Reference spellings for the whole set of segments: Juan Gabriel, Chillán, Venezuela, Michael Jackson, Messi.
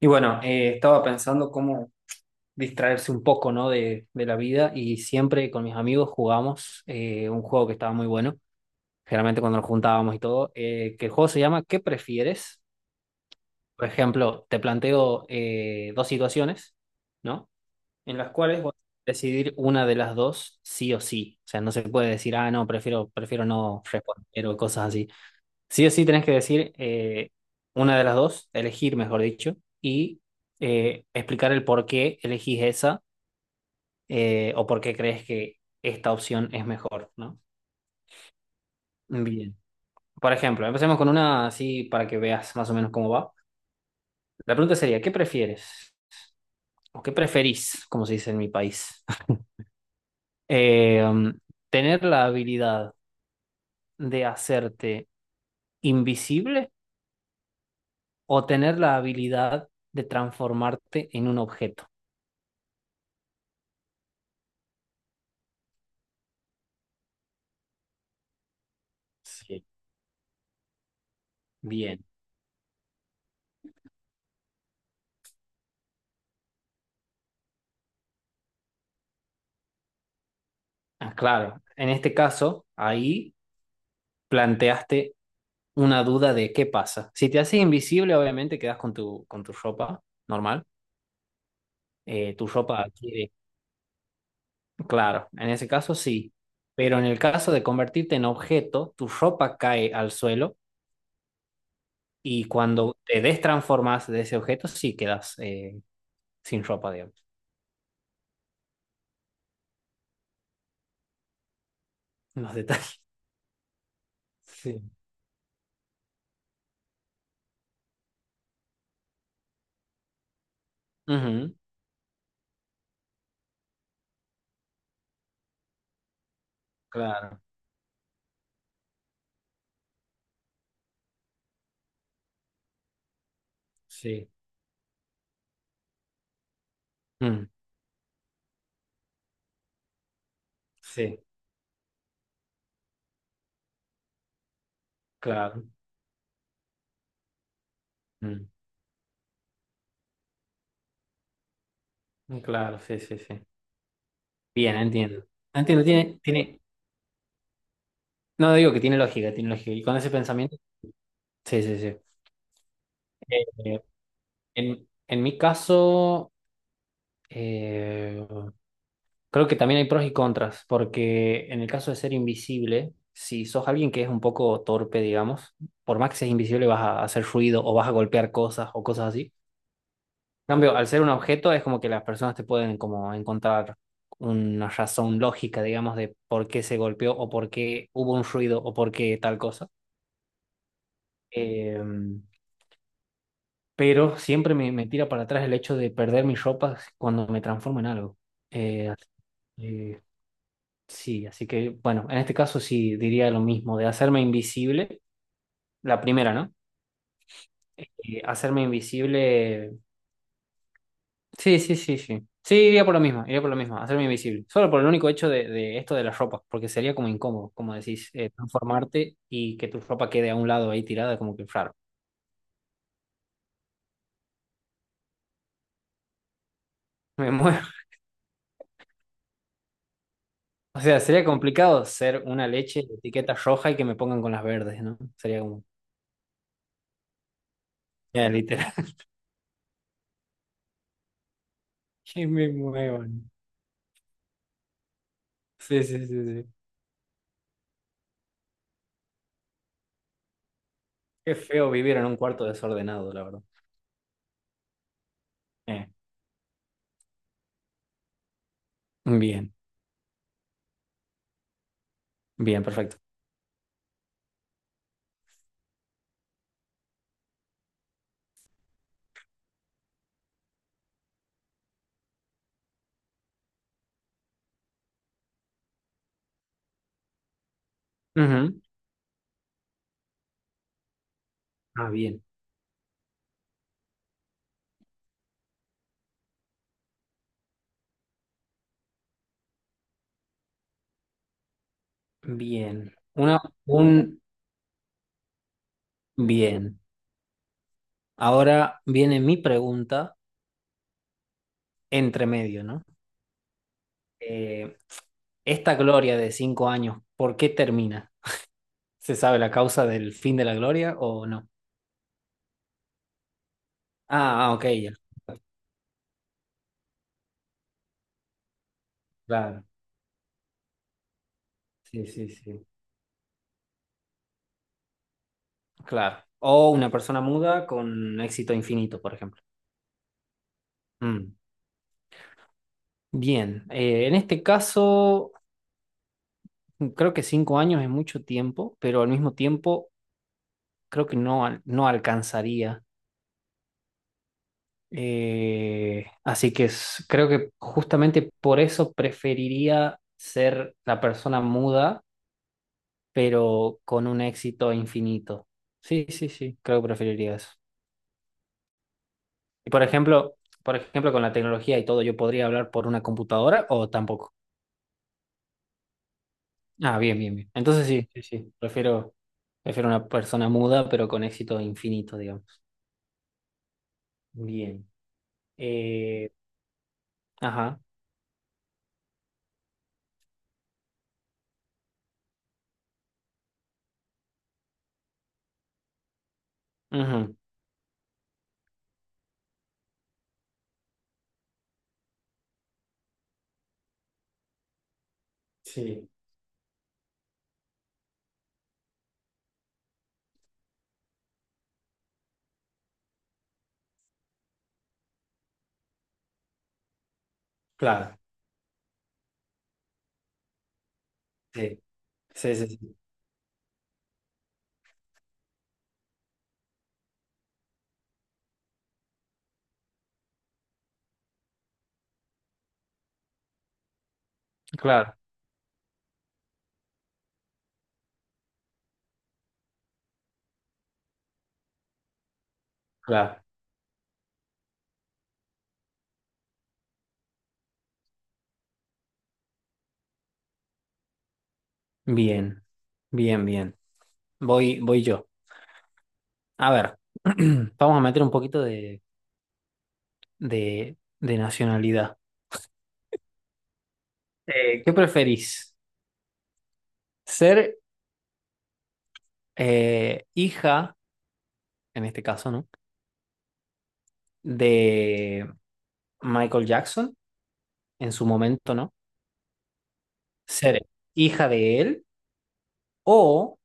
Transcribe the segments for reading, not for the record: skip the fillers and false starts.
Y bueno, estaba pensando cómo distraerse un poco, ¿no? de la vida y siempre con mis amigos jugamos un juego que estaba muy bueno, generalmente cuando nos juntábamos y todo, que el juego se llama ¿Qué prefieres? Por ejemplo, te planteo dos situaciones, ¿no? En las cuales vas a decidir una de las dos sí o sí. O sea, no se puede decir, ah, no, prefiero no responder o cosas así. Sí o sí tenés que decir una de las dos, elegir, mejor dicho, y explicar el por qué elegís esa o por qué crees que esta opción es mejor, ¿no? Bien. Por ejemplo, empecemos con una así para que veas más o menos cómo va. La pregunta sería, ¿qué prefieres? ¿O qué preferís, como se dice en mi país? Eh, um, ¿tener la habilidad de hacerte invisible o tener la habilidad de transformarte en un objeto? Sí. Bien. Ah, claro, en este caso, ahí planteaste una duda de qué pasa. Si te haces invisible, obviamente quedas con con tu ropa normal. Tu ropa adquiere, claro, en ese caso sí. Pero en el caso de convertirte en objeto, tu ropa cae al suelo y cuando te destransformas de ese objeto, sí quedas sin ropa, digamos. Los detalles. Sí. Ujú. Claro, sí. Mm, sí, claro. Mm, claro, sí, sí, sí. Bien, entiendo. Entiendo, tiene, no digo que tiene lógica, tiene lógica. Y con ese pensamiento, sí, sí, sí. Eh, en mi caso, eh, creo que también hay pros y contras, porque en el caso de ser invisible, si sos alguien que es un poco torpe, digamos, por más que seas invisible vas a hacer ruido o vas a golpear cosas o cosas así. En cambio, al ser un objeto es como que las personas te pueden como encontrar una razón lógica, digamos, de por qué se golpeó o por qué hubo un ruido o por qué tal cosa. Eh, pero siempre me tira para atrás el hecho de perder mis ropas cuando me transformo en algo. Eh, así que, sí, así que bueno, en este caso sí diría lo mismo, de hacerme invisible, la primera, ¿no? Hacerme invisible, sí, sí, sí, sí. Sí, iría por lo mismo, iría por lo mismo, hacerme invisible. Solo por el único hecho de esto de las ropas, porque sería como incómodo, como decís, transformarte y que tu ropa quede a un lado ahí tirada, como que raro. Me muero. O sea, sería complicado ser una leche de etiqueta roja y que me pongan con las verdes, ¿no? Sería como, ya, literal, que me muevan. Sí, sí, sí, sí. Qué feo vivir en un cuarto desordenado, la verdad. Eh, bien, bien, perfecto. Ujú. Ah, bien, bien. Una, un, bien. Ahora viene mi pregunta entre medio, ¿no? Eh, esta gloria de 5 años, ¿por qué termina? ¿Se sabe la causa del fin de la gloria o no? Ah, ah, ok, ya. Claro. Sí, sí, sí. Claro. O una persona muda con éxito infinito, por ejemplo. Mm. Bien. En este caso, creo que 5 años es mucho tiempo, pero al mismo tiempo creo que no, no alcanzaría. Creo que justamente por eso preferiría ser la persona muda, pero con un éxito infinito. Sí, sí, sí, creo que preferiría eso. Y por ejemplo, con la tecnología y todo, ¿yo podría hablar por una computadora o tampoco? Ah, bien, bien, bien. Entonces sí, sí, sí. Prefiero una persona muda, pero con éxito infinito, digamos. Bien. Eh, ajá. Ujú. Sí, claro. Sí, sí, sí, sí. Claro, claro. Bien, bien, bien. Voy, voy yo. A ver, vamos a meter un poquito de nacionalidad. ¿Qué preferís? ¿Ser hija? En este caso, ¿no? De Michael Jackson, en su momento, ¿no? Ser hija de él o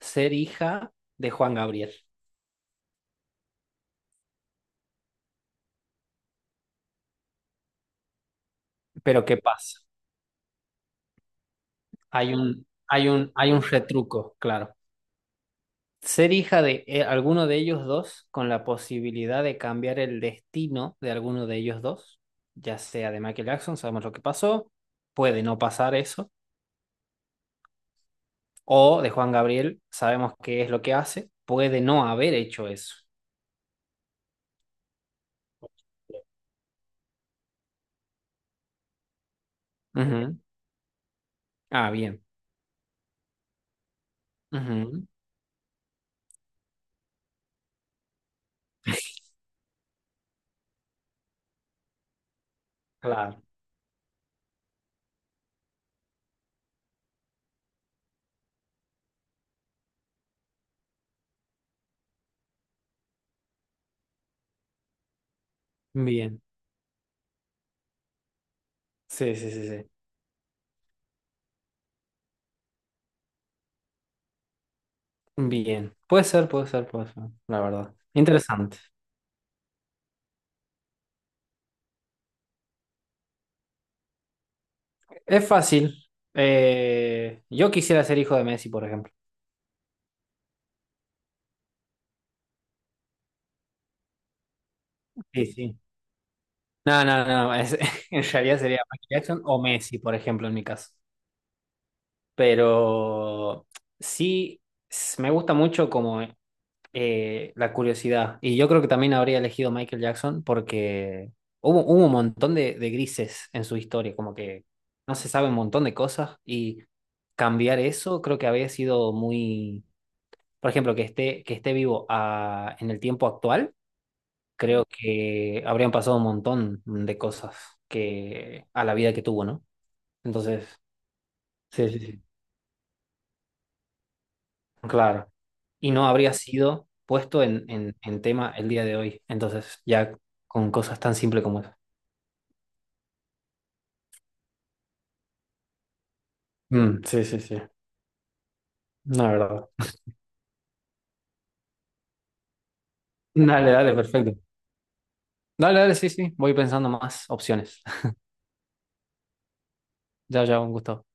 ser hija de Juan Gabriel. Pero ¿qué pasa? Hay un retruco, claro. Ser hija de alguno de ellos dos con la posibilidad de cambiar el destino de alguno de ellos dos, ya sea de Michael Jackson, sabemos lo que pasó, puede no pasar eso, o de Juan Gabriel, sabemos qué es lo que hace, puede no haber hecho eso. Ujú. Ah, bien. Ujú. Claro. Bien. Sí, sí, sí, sí. Bien. Puede ser, puede ser, puede ser, la verdad. Interesante. Es fácil. Yo quisiera ser hijo de Messi, por ejemplo. Sí, sí. No, no, no. Es- en realidad sería Michael Jackson o Messi, por ejemplo, en mi caso. Pero sí, s- me gusta mucho como la curiosidad. Y yo creo que también habría elegido Michael Jackson porque hubo un montón de grises en su historia, como que no se sabe un montón de cosas y cambiar eso creo que había sido muy, por ejemplo, que esté vivo en el tiempo actual, creo que habrían pasado un montón de cosas que a la vida que tuvo, ¿no? Entonces, sí, sí, sí. Claro. Y no habría sido puesto en tema el día de hoy. Entonces, ya con cosas tan simples como eso. Mm, sí, sí, sí. La verdad. Dale, dale, perfecto. Dale, dale, sí, sí. Voy pensando más opciones. Ya, ya, un gusto.